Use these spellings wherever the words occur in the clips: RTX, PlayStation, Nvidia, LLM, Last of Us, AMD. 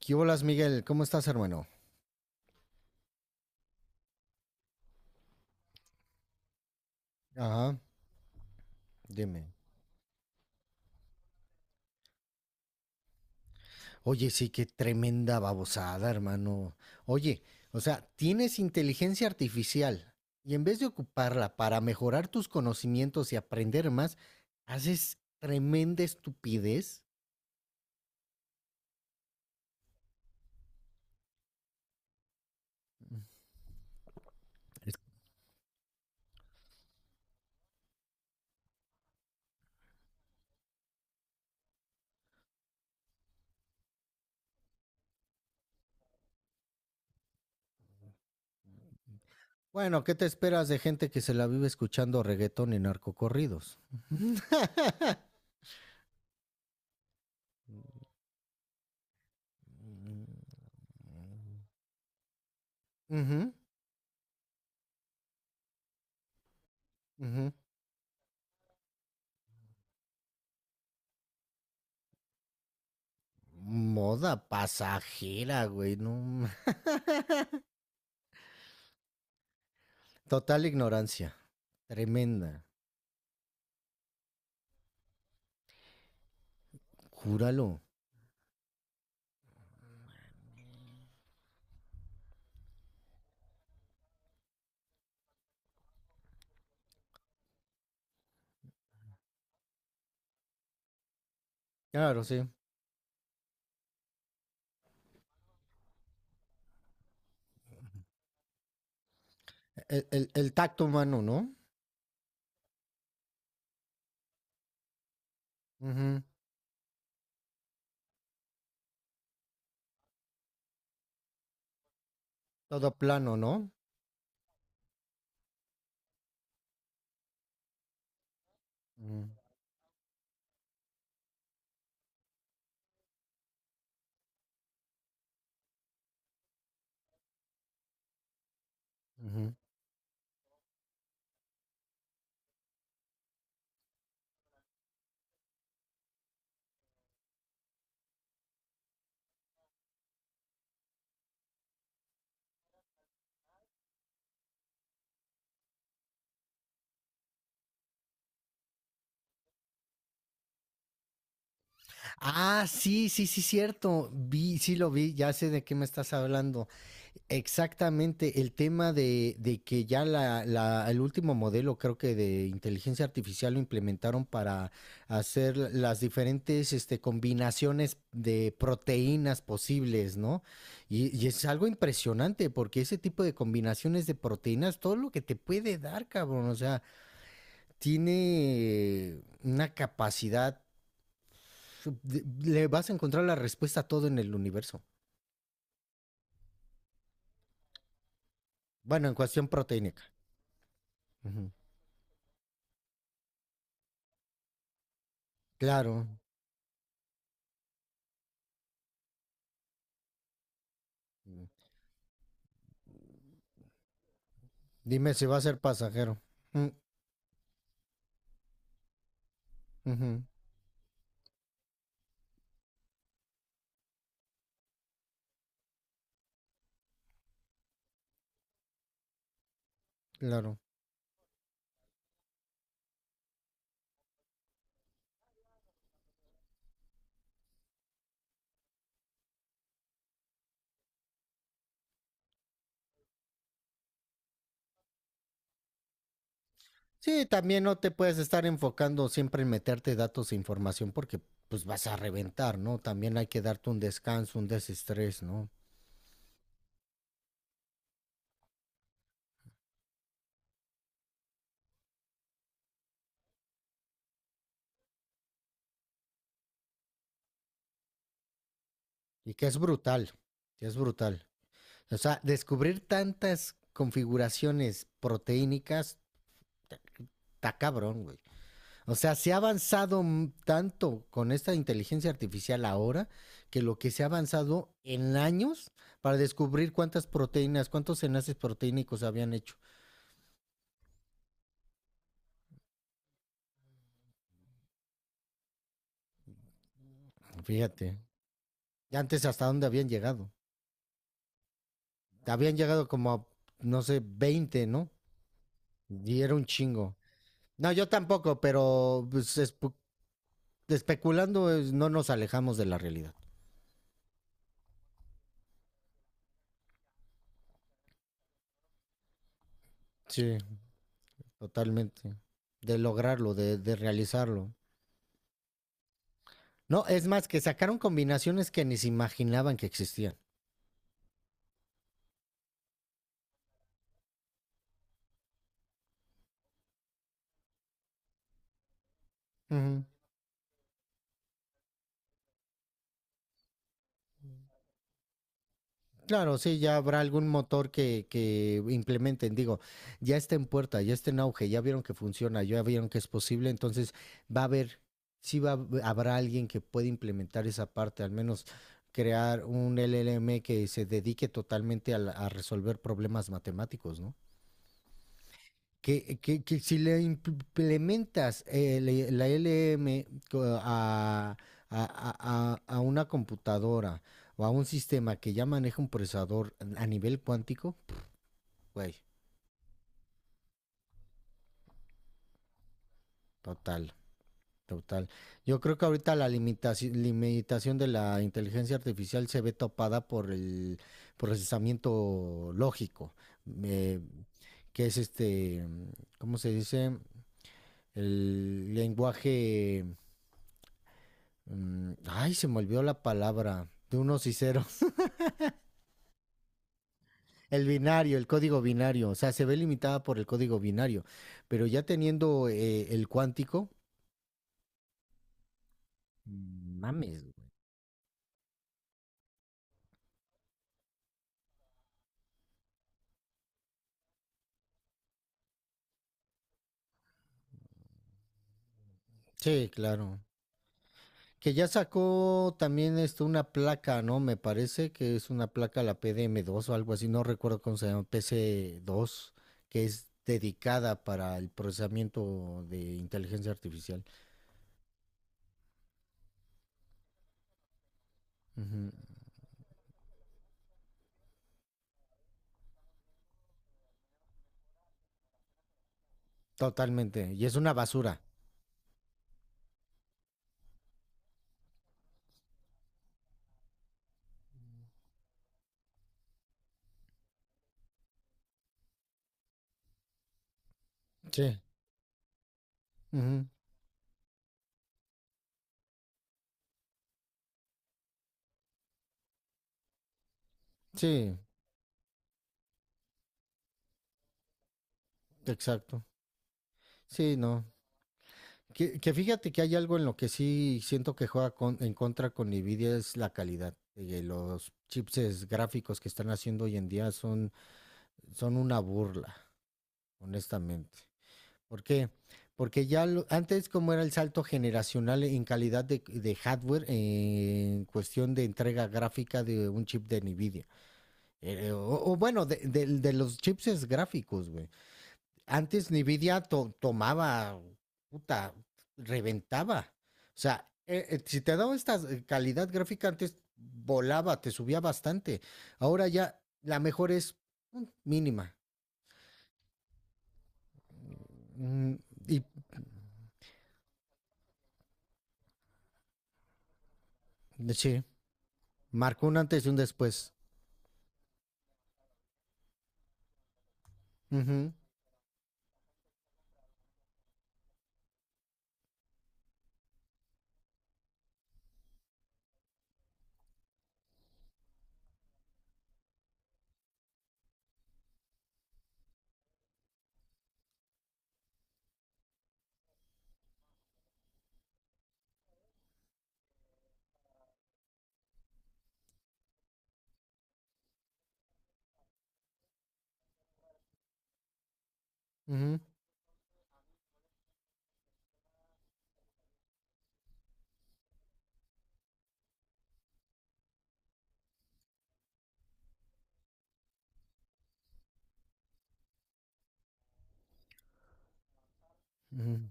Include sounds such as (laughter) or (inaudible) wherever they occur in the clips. ¿Qué bolas, Miguel? ¿Cómo estás, hermano? Ajá, dime. Oye, sí, qué tremenda babosada, hermano. Oye, o sea, tienes inteligencia artificial y en vez de ocuparla para mejorar tus conocimientos y aprender más, haces tremenda estupidez. Es- Bueno, ¿qué te esperas de gente que se la vive escuchando reggaetón y narcocorridos? Ujú, ujú. Moda pasajera, güey, no. Total ignorancia. Tremenda. Júralo. Claro, sí. El tacto humano, ¿no? Ujú. Todo plano, ¿no? Ujú, ujú. Ah, sí, sí, sí, cierto. Vi, sí lo vi, ya sé de qué me estás hablando. Exactamente, el tema de que ya el último modelo, creo que de inteligencia artificial, lo implementaron para hacer las diferentes combinaciones de proteínas posibles, ¿no? Y es algo impresionante porque ese tipo de combinaciones de proteínas, todo lo que te puede dar, cabrón, o sea, tiene una capacidad, de- Le vas a encontrar la respuesta a todo en el universo. Bueno, en cuestión proteínica. Ujú. Claro. Mm. Dime si va a ser pasajero. Mm, ujú, claro. Sí, también no te puedes estar enfocando siempre en meterte datos e información porque pues vas a reventar, ¿no? También hay que darte un descanso, un desestrés, ¿no? Y que es brutal, que es brutal. O sea, descubrir tantas configuraciones proteínicas, está cabrón, güey. O sea, se ha avanzado tanto con esta inteligencia artificial ahora que lo que se ha avanzado en años para descubrir cuántas proteínas, cuántos enlaces proteínicos habían hecho. Fíjate, antes hasta dónde habían llegado. Habían llegado como a, no sé, 20, ¿no? Y era un chingo. No, yo tampoco, pero pues, especulando no nos alejamos de la realidad. Sí, totalmente. De lograrlo, de realizarlo. No, es más, que sacaron combinaciones que ni se imaginaban que existían. Ujú. Claro, sí, ya habrá algún motor que- que implementen. Digo, ya está en puerta, ya está en auge, ya vieron que funciona, ya vieron que es posible, entonces va a haber, habrá alguien que pueda implementar esa parte, al menos crear un LLM que se dedique totalmente a, a resolver problemas matemáticos, ¿no? Que si le implementas la LM a una computadora o a un sistema que ya maneja un procesador a nivel cuántico, güey, total, total. Yo creo que ahorita la limitación, limitación de la inteligencia artificial se ve topada por el procesamiento lógico, eh, que es este, ¿cómo se dice? El lenguaje ay, se me olvidó la palabra de unos y ceros. (laughs) El binario, el código binario. O sea, se ve limitada por el código binario. Pero ya teniendo el cuántico. Mames, güey. Sí, claro. Que ya sacó también esto, una placa, ¿no? Me parece que es una placa, la pdm dos o algo así. No recuerdo cómo se llama. Pc dos que es dedicada para el procesamiento de inteligencia artificial. Ujú. Totalmente. Y es una basura. Sí. Ujú. Sí. Exacto. Sí, no. Que fíjate que hay algo en lo que sí siento que juega en contra con Nvidia es la calidad. Los chips gráficos que están haciendo hoy en día son una burla, honestamente. ¿Por qué? Porque ya antes como era el salto generacional en calidad de hardware, en cuestión de entrega gráfica de un chip de Nvidia. Eh, o, o bueno, de los chips gráficos, güey. Antes Nvidia tomaba, puta, reventaba. O sea, si te daba esta calidad gráfica antes volaba, te subía bastante. Ahora ya la mejor es mínima. Mm, y sí, marcó un antes y un después. Ujú, ujú, ujú.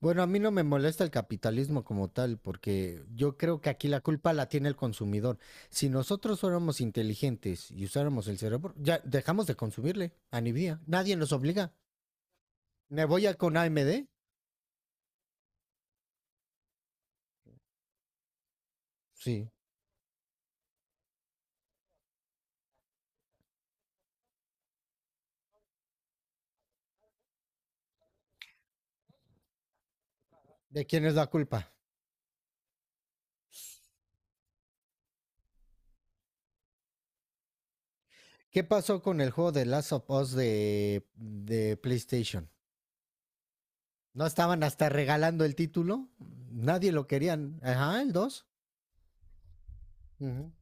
Bueno, a mí no me molesta el capitalismo como tal, porque yo creo que aquí la culpa la tiene el consumidor. Si nosotros fuéramos inteligentes y usáramos el cerebro, ya dejamos de consumirle a Nvidia. Nadie nos obliga. ¿Me voy a con AMD? Sí. ¿De quién es la culpa? ¿Qué pasó con el juego de Last of Us de PlayStation? ¿No estaban hasta regalando el título? Nadie lo querían. Ajá, el 2. Ujú.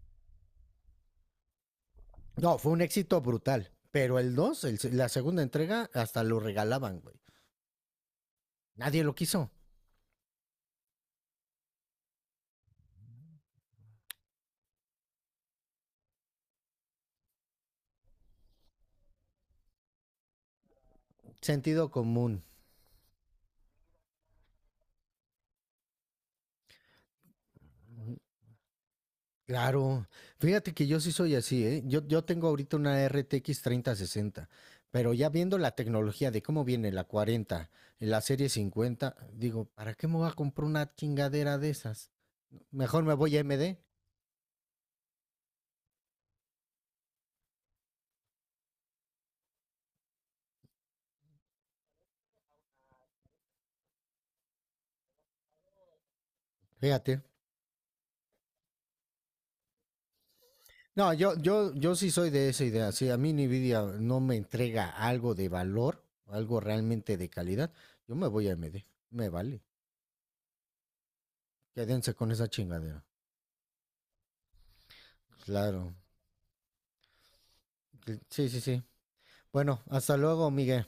No, fue un éxito brutal. Pero el dos, la segunda entrega, hasta lo regalaban, güey. Nadie lo quiso. Sentido común. Claro. Fíjate que yo sí soy así, ¿eh? Yo tengo ahorita una RTX 60, pero ya viendo la tecnología de cómo viene la 40, la serie 50, digo, ¿para qué me voy a comprar una chingadera de esas? Mejor me voy a AMD. Fíjate. No, yo sí soy de esa idea. Si a mí Nvidia no me entrega algo de valor, algo realmente de calidad, yo me voy a AMD. Me vale. Quédense con esa chingadera. Claro. Sí, sí, sí. Bueno, hasta luego, Miguel.